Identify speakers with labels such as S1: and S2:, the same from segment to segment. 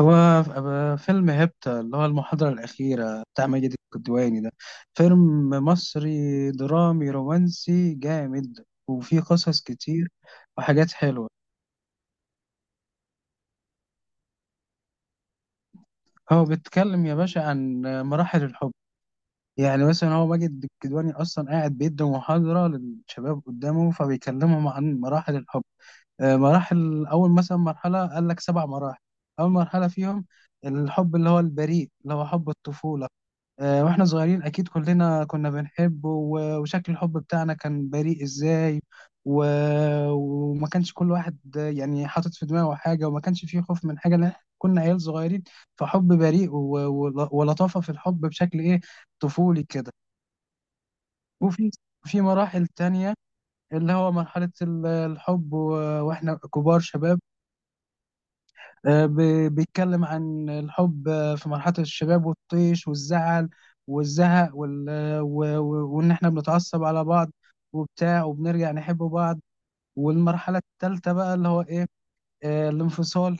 S1: فيلم هيبتا اللي هو المحاضرة الأخيرة بتاع ماجد الكدواني ده فيلم مصري درامي رومانسي جامد وفيه قصص كتير وحاجات حلوة. هو بيتكلم يا باشا عن مراحل الحب. يعني مثلا هو ماجد الكدواني أصلا قاعد بيدي محاضرة للشباب قدامه فبيكلمهم عن مراحل الحب. مراحل أول، مثلا مرحلة قال لك سبع مراحل. أول مرحلة فيهم الحب اللي هو البريء اللي هو حب الطفولة. واحنا صغيرين اكيد كلنا كنا بنحبه وشكل الحب بتاعنا كان بريء ازاي و... وما كانش كل واحد، يعني حاطط في دماغه حاجة، وما كانش فيه خوف من حاجة لان إحنا كنا عيال صغيرين. فحب بريء ولطافة في الحب بشكل ايه، طفولي كده. وفي في مراحل تانية اللي هو مرحلة الحب واحنا كبار شباب. بيتكلم عن الحب، في مرحلة الشباب والطيش والزعل والزهق وال... آه، و- و- وإن إحنا بنتعصب على بعض وبتاع وبنرجع نحب بعض. والمرحلة التالتة بقى اللي هو إيه؟ الانفصال،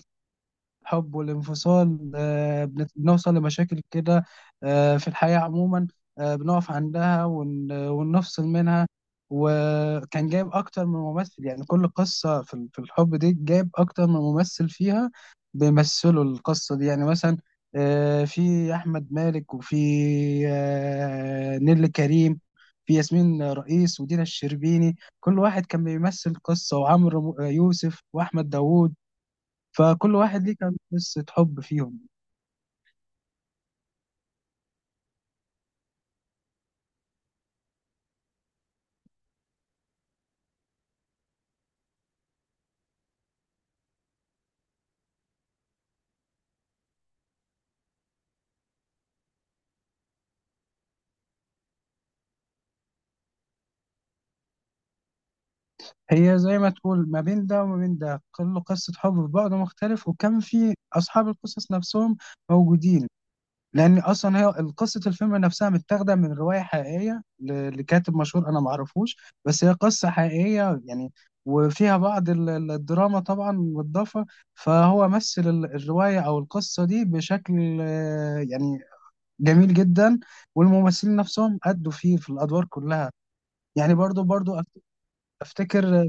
S1: الحب والانفصال. بنوصل لمشاكل كده، في الحياة عموما، بنقف عندها ونفصل منها. وكان جايب أكتر من ممثل، يعني كل قصة في في الحب دي جايب أكتر من ممثل فيها بيمثلوا القصة دي. يعني مثلا في أحمد مالك، وفي نيللي كريم، في ياسمين رئيس ودينا الشربيني، كل واحد كان بيمثل قصة، وعمرو يوسف وأحمد داوود، فكل واحد ليه كان قصة حب فيهم. هي زي ما تقول ما بين ده وما بين ده، كل قصة حب في بعض مختلف، وكان في أصحاب القصص نفسهم موجودين. لأن أصلا هي قصة الفيلم نفسها متاخدة من رواية حقيقية لكاتب مشهور أنا معرفوش، بس هي قصة حقيقية يعني، وفيها بعض الدراما طبعا مضافة. فهو مثل الرواية أو القصة دي بشكل يعني جميل جدا، والممثلين نفسهم أدوا فيه في الأدوار كلها. يعني افتكر.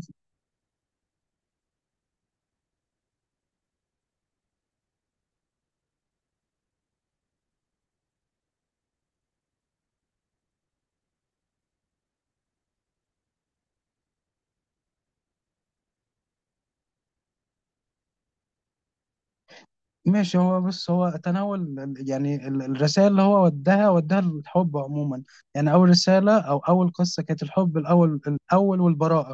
S1: ماشي، هو بص هو تناول يعني الرسائل اللي هو وداها للحب عموما. يعني اول رسالة او اول قصة كانت الحب الاول الاول والبراءة.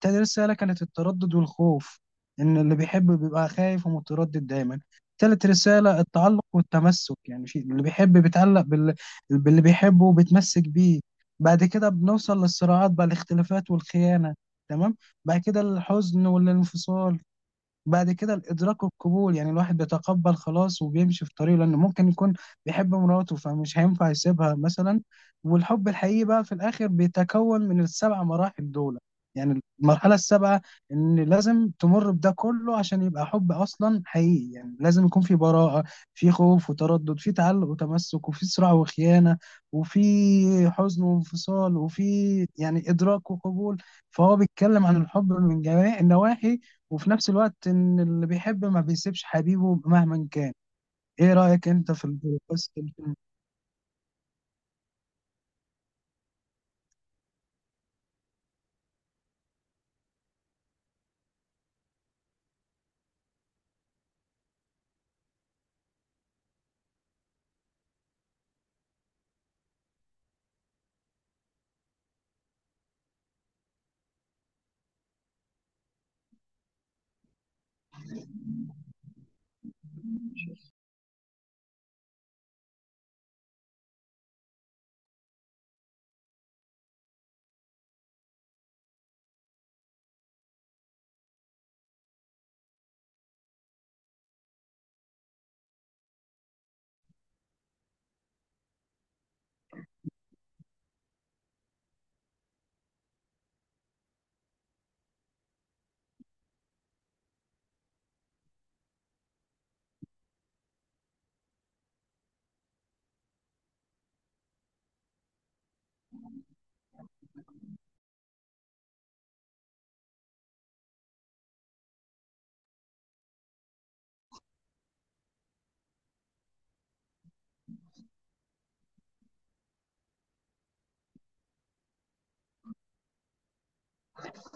S1: تاني رسالة كانت التردد والخوف، ان اللي بيحب بيبقى خايف ومتردد دايما. تالت رسالة التعلق والتمسك، يعني في اللي بيحب بيتعلق باللي بيحبه وبيتمسك بيه. بعد كده بنوصل للصراعات بقى، الاختلافات والخيانة، تمام. بعد كده الحزن والانفصال. بعد كده الادراك والقبول، يعني الواحد بيتقبل خلاص وبيمشي في طريقه لانه ممكن يكون بيحب مراته فمش هينفع يسيبها مثلا. والحب الحقيقي بقى في الاخر بيتكون من السبع مراحل دول، يعني المرحله السابعه، ان لازم تمر بده كله عشان يبقى حب اصلا حقيقي. يعني لازم يكون في براءه، في خوف وتردد، في تعلق وتمسك، وفي صراع وخيانه، وفي حزن وانفصال، وفي يعني ادراك وقبول. فهو بيتكلم عن الحب من جميع النواحي، وفي نفس الوقت ان اللي بيحب ما بيسيبش حبيبه مهما كان. ايه رأيك انت في في قصة الفيلم؟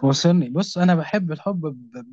S1: وصلني، بص انا بحب الحب ب...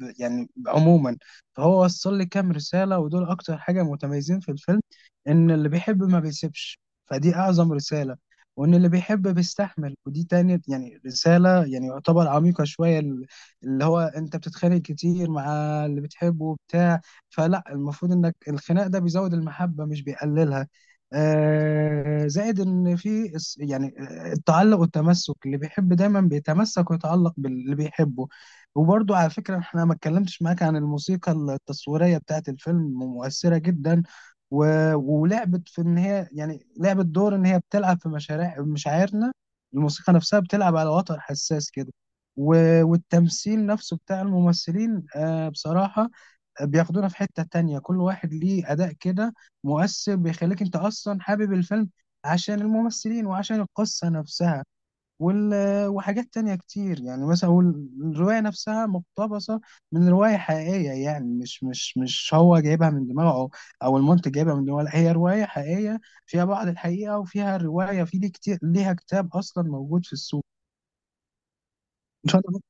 S1: ب... يعني عموما. فهو وصل لي كام رسالة، ودول اكتر حاجة متميزين في الفيلم. ان اللي بيحب ما بيسيبش، فدي اعظم رسالة. وان اللي بيحب بيستحمل، ودي تاني يعني رسالة يعني يعتبر عميقة شوية، اللي هو انت بتتخانق كتير مع اللي بتحبه وبتاع، فلا المفروض انك الخناق ده بيزود المحبة مش بيقللها. زائد ان في يعني التعلق والتمسك، اللي بيحب دايما بيتمسك ويتعلق باللي بيحبه. وبرضو على فكرة احنا ما اتكلمتش معاك عن الموسيقى التصويرية بتاعت الفيلم، مؤثرة جدا و... ولعبت في ان هي يعني لعبت دور ان هي بتلعب في مشاريع مشاعرنا. الموسيقى نفسها بتلعب على وتر حساس كده، و... والتمثيل نفسه بتاع الممثلين آه بصراحة بياخدونا في حتة تانية، كل واحد ليه أداء كده مؤثر بيخليك أنت أصلا حابب الفيلم عشان الممثلين وعشان القصة نفسها وال... وحاجات تانية كتير. يعني مثلا الرواية نفسها مقتبسة من رواية حقيقية، يعني مش هو جايبها من دماغه أو, أو المنتج جايبها من دماغه، لا، هي رواية حقيقية فيها بعض الحقيقة، وفيها رواية في دي كتير ليها كتاب أصلا موجود في السوق. إن شاء الله.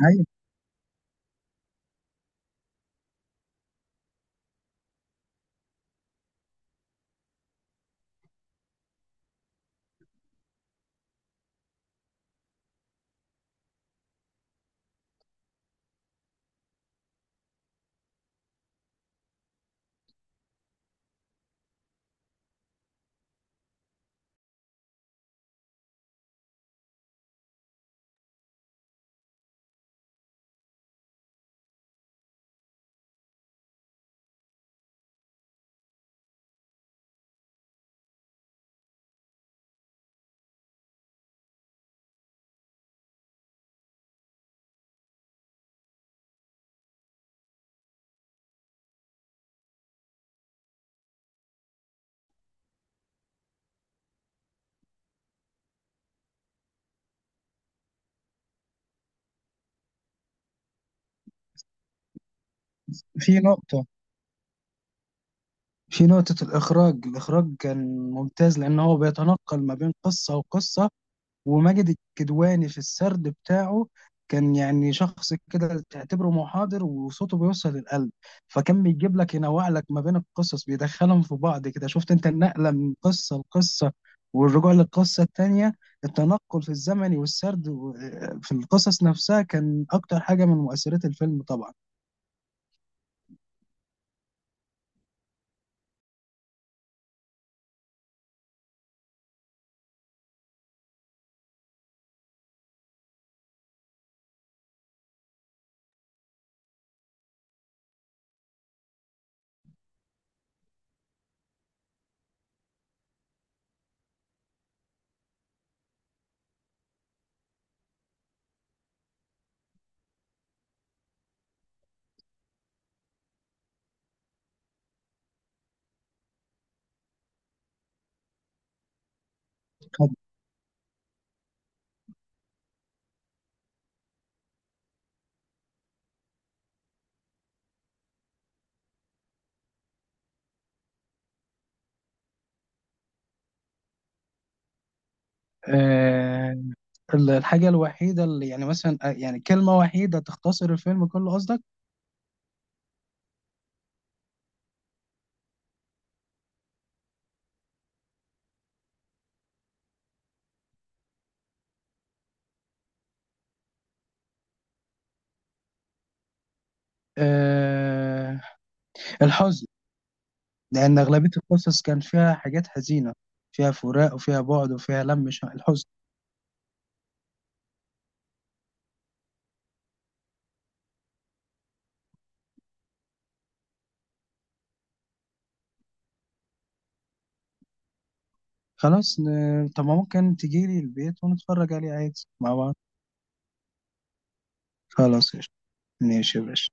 S1: أيوة. في نقطة. في نقطة الإخراج، الإخراج كان ممتاز لأن هو بيتنقل ما بين قصة وقصة. وماجد الكدواني في السرد بتاعه كان يعني شخص كده تعتبره محاضر وصوته بيوصل للقلب، فكان بيجيب لك ينوع لك ما بين القصص، بيدخلهم في بعض كده، شفت أنت النقلة من قصة لقصة والرجوع للقصة التانية، التنقل في الزمن والسرد في القصص نفسها، كان أكتر حاجة من مؤثرات الفيلم. طبعا. الحاجة الوحيدة اللي يعني مثلا، يعني كلمة وحيدة تختصر الفيلم كله قصدك؟ أه، الحزن. لأن أغلبية القصص كان فيها حاجات حزينة، فيها فراق وفيها بعد وفيها لم ش- الحزن. خلاص، طب ما ممكن تجيلي البيت ونتفرج عليه عادي مع بعض. خلاص قشطة. ماشي يا باشا.